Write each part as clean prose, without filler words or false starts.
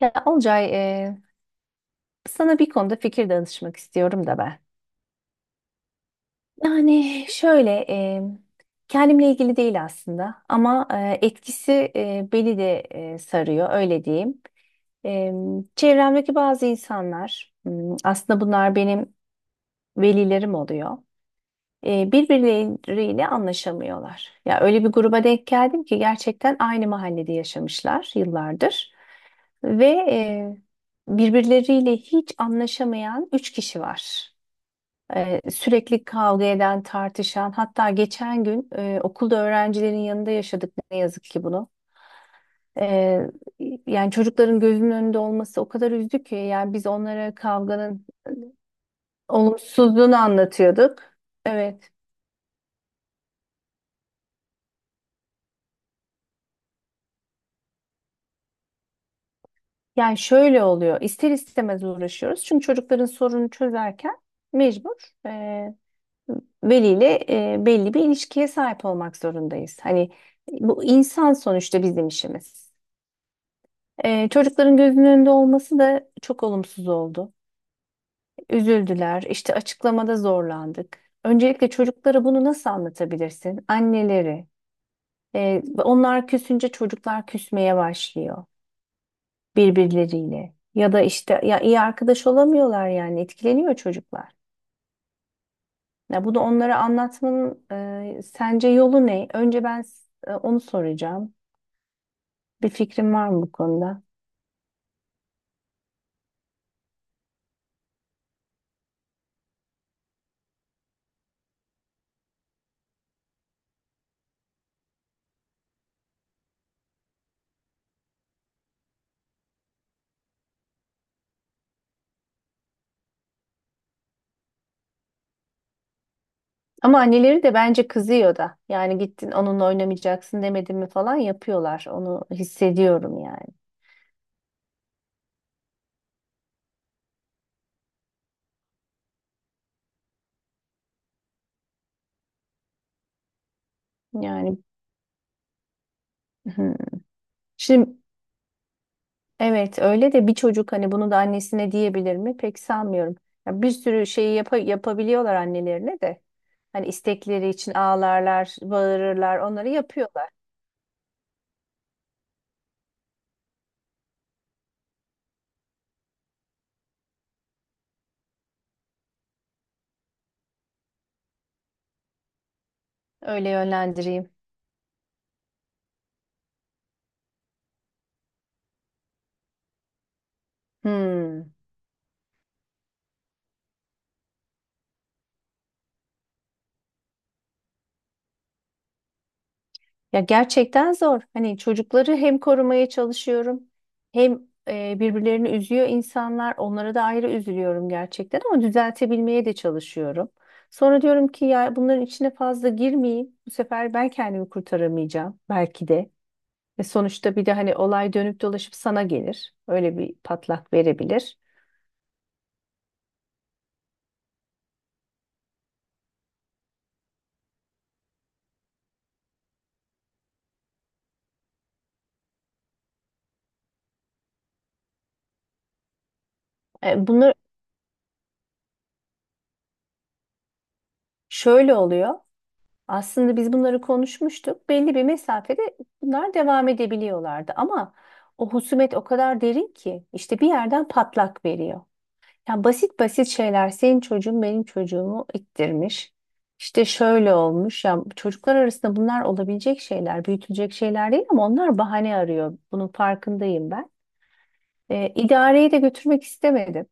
Ya Olcay, sana bir konuda fikir danışmak istiyorum da ben. Yani şöyle, kendimle ilgili değil aslında ama etkisi beni de sarıyor, öyle diyeyim. E, Çevremdeki bazı insanlar, aslında bunlar benim velilerim oluyor. Birbirleriyle anlaşamıyorlar. Ya öyle bir gruba denk geldim ki gerçekten aynı mahallede yaşamışlar yıllardır ve birbirleriyle hiç anlaşamayan üç kişi var. Sürekli kavga eden, tartışan, hatta geçen gün okulda öğrencilerin yanında yaşadık ne yazık ki bunu. E, Yani çocukların gözünün önünde olması o kadar üzdü ki yani biz onlara kavganın olumsuzluğunu anlatıyorduk. Evet. Yani şöyle oluyor. İster istemez uğraşıyoruz. Çünkü çocukların sorunu çözerken mecbur veliyle belli bir ilişkiye sahip olmak zorundayız. Hani bu insan sonuçta bizim işimiz. Çocukların gözünün önünde olması da çok olumsuz oldu. Üzüldüler, işte açıklamada zorlandık. Öncelikle çocuklara bunu nasıl anlatabilirsin? Anneleri. Onlar küsünce çocuklar küsmeye başlıyor. Birbirleriyle ya da işte ya iyi arkadaş olamıyorlar yani etkileniyor çocuklar. Ya bunu onlara anlatmanın sence yolu ne? Önce onu soracağım. Bir fikrim var mı bu konuda? Ama anneleri de bence kızıyor da. Yani gittin onunla oynamayacaksın demedim mi falan yapıyorlar. Onu hissediyorum yani. Yani hı. Şimdi evet öyle de bir çocuk hani bunu da annesine diyebilir mi? Pek sanmıyorum. Ya bir sürü şeyi yapabiliyorlar annelerine de. Hani istekleri için ağlarlar, bağırırlar, onları yapıyorlar. Öyle yönlendireyim. Hmm. Ya gerçekten zor. Hani çocukları hem korumaya çalışıyorum, hem birbirlerini üzüyor insanlar. Onlara da ayrı üzülüyorum gerçekten ama düzeltebilmeye de çalışıyorum. Sonra diyorum ki ya bunların içine fazla girmeyeyim. Bu sefer ben kendimi kurtaramayacağım belki de. Ve sonuçta bir de hani olay dönüp dolaşıp sana gelir. Öyle bir patlak verebilir. Bunlar şöyle oluyor. Aslında biz bunları konuşmuştuk. Belli bir mesafede bunlar devam edebiliyorlardı ama o husumet o kadar derin ki işte bir yerden patlak veriyor. Ya basit basit şeyler senin çocuğun benim çocuğumu ittirmiş. İşte şöyle olmuş ya çocuklar arasında bunlar olabilecek şeyler, büyütülecek şeyler değil ama onlar bahane arıyor. Bunun farkındayım ben. İdareyi de götürmek istemedim.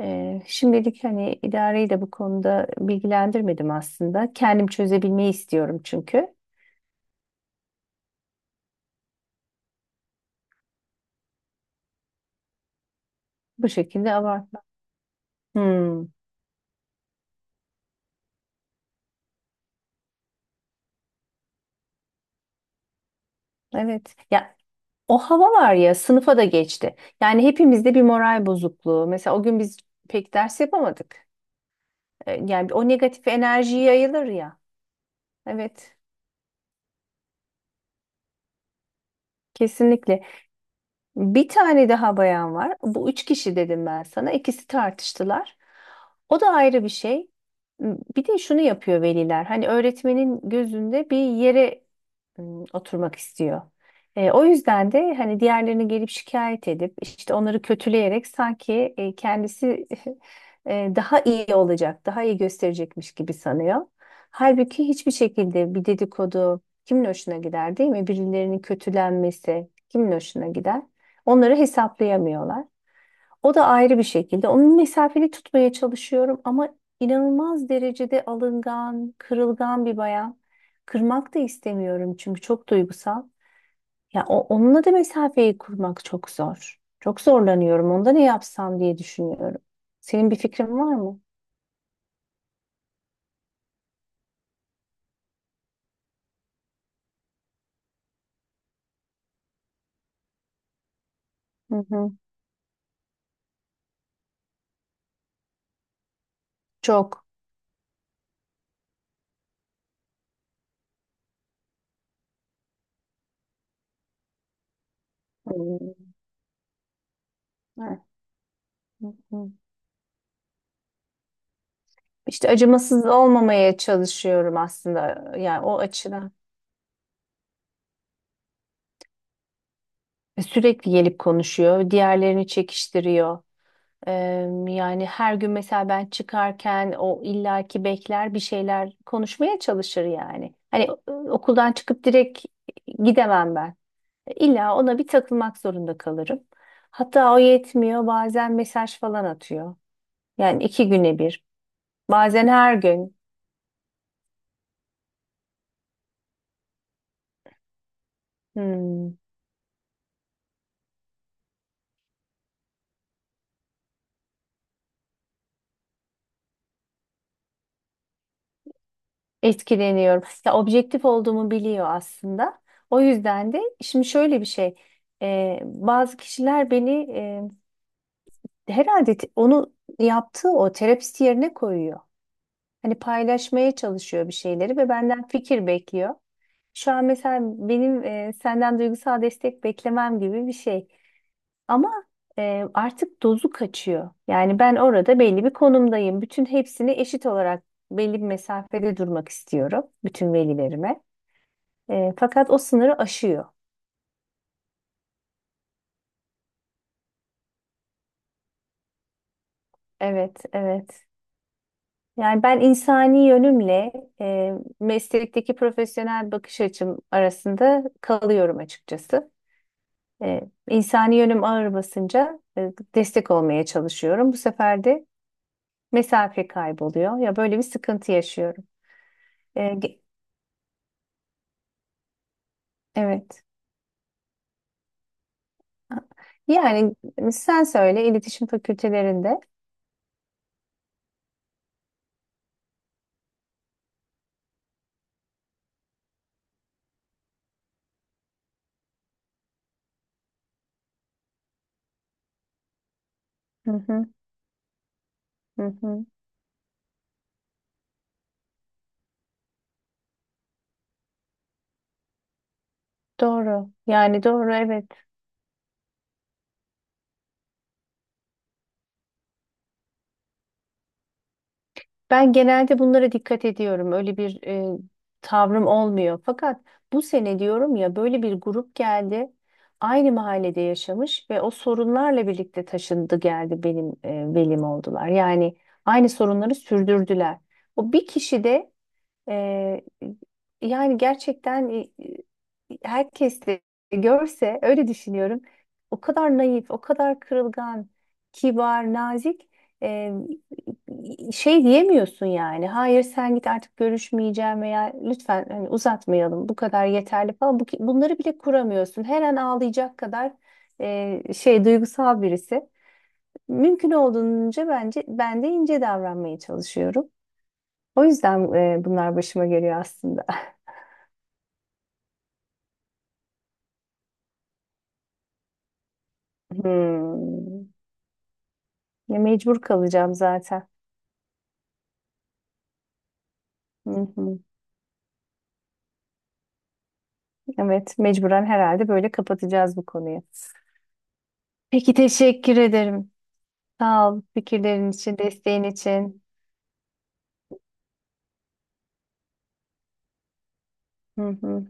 Şimdilik hani idareyi de bu konuda bilgilendirmedim aslında. Kendim çözebilmeyi istiyorum çünkü. Bu şekilde abartma. Hmm, evet. Ya o hava var ya sınıfa da geçti. Yani hepimizde bir moral bozukluğu. Mesela o gün biz pek ders yapamadık. Yani o negatif enerji yayılır ya. Evet, kesinlikle. Bir tane daha bayan var. Bu üç kişi dedim ben sana. İkisi tartıştılar. O da ayrı bir şey. Bir de şunu yapıyor veliler. Hani öğretmenin gözünde bir yere oturmak istiyor. O yüzden de hani diğerlerini gelip şikayet edip işte onları kötüleyerek sanki kendisi daha iyi olacak, daha iyi gösterecekmiş gibi sanıyor. Halbuki hiçbir şekilde bir dedikodu kimin hoşuna gider değil mi? Birilerinin kötülenmesi kimin hoşuna gider? Onları hesaplayamıyorlar. O da ayrı bir şekilde. Onun mesafeli tutmaya çalışıyorum ama inanılmaz derecede alıngan, kırılgan bir bayan. Kırmak da istemiyorum çünkü çok duygusal. Ya onunla da mesafeyi kurmak çok zor. Çok zorlanıyorum. Onda ne yapsam diye düşünüyorum. Senin bir fikrin var mı? Hı hı. Çok. Hmm. Evet. Hı hı. İşte acımasız olmamaya çalışıyorum aslında. Yani o açıdan. Sürekli gelip konuşuyor, diğerlerini çekiştiriyor. Yani her gün mesela ben çıkarken o illaki bekler bir şeyler konuşmaya çalışır yani. Hani okuldan çıkıp direkt gidemem ben. İlla ona bir takılmak zorunda kalırım. Hatta o yetmiyor bazen mesaj falan atıyor. Yani iki güne bir. Bazen her gün. Hmm, etkileniyorum. Ya objektif olduğumu biliyor aslında. O yüzden de şimdi şöyle bir şey. Bazı kişiler beni herhalde onu yaptığı o terapisti yerine koyuyor. Hani paylaşmaya çalışıyor bir şeyleri ve benden fikir bekliyor. Şu an mesela benim senden duygusal destek beklemem gibi bir şey. Ama artık dozu kaçıyor. Yani ben orada belli bir konumdayım. Bütün hepsini eşit olarak belli bir mesafede durmak istiyorum bütün velilerime. Fakat o sınırı aşıyor. Evet, evet. Yani ben insani yönümle e, meslekteki profesyonel bakış açım arasında kalıyorum açıkçası. E, insani yönüm ağır basınca destek olmaya çalışıyorum. Bu sefer de mesafe kayboluyor. Ya böyle bir sıkıntı yaşıyorum. E, ge- evet. Yani sen söyle iletişim fakültelerinde. Hı hı, hı hı. Doğru. Yani doğru evet. Ben genelde bunlara dikkat ediyorum. Öyle bir tavrım olmuyor. Fakat bu sene diyorum ya böyle bir grup geldi. Aynı mahallede yaşamış ve o sorunlarla birlikte taşındı geldi benim velim oldular. Yani aynı sorunları sürdürdüler. O bir kişi de ee, yani gerçekten e, herkes de görse öyle düşünüyorum. O kadar naif, o kadar kırılgan, kibar, nazik e, şey diyemiyorsun yani. Hayır sen git artık görüşmeyeceğim veya lütfen hani uzatmayalım bu kadar yeterli falan. Bunları bile kuramıyorsun. Her an ağlayacak kadar şey duygusal birisi. Mümkün olduğunca bence ben de ince davranmaya çalışıyorum. O yüzden bunlar başıma geliyor aslında. Hmm. Ya mecbur kalacağım zaten. Hı hı. Evet, mecburen herhalde böyle kapatacağız bu konuyu. Peki teşekkür ederim. Sağ ol fikirlerin için, desteğin için. Hı hı.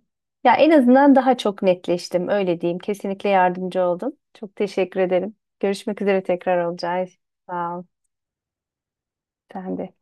Ya en azından daha çok netleştim, öyle diyeyim. Kesinlikle yardımcı oldun. Çok teşekkür ederim. Görüşmek üzere tekrar olacağız. Sağ ol. Sen de.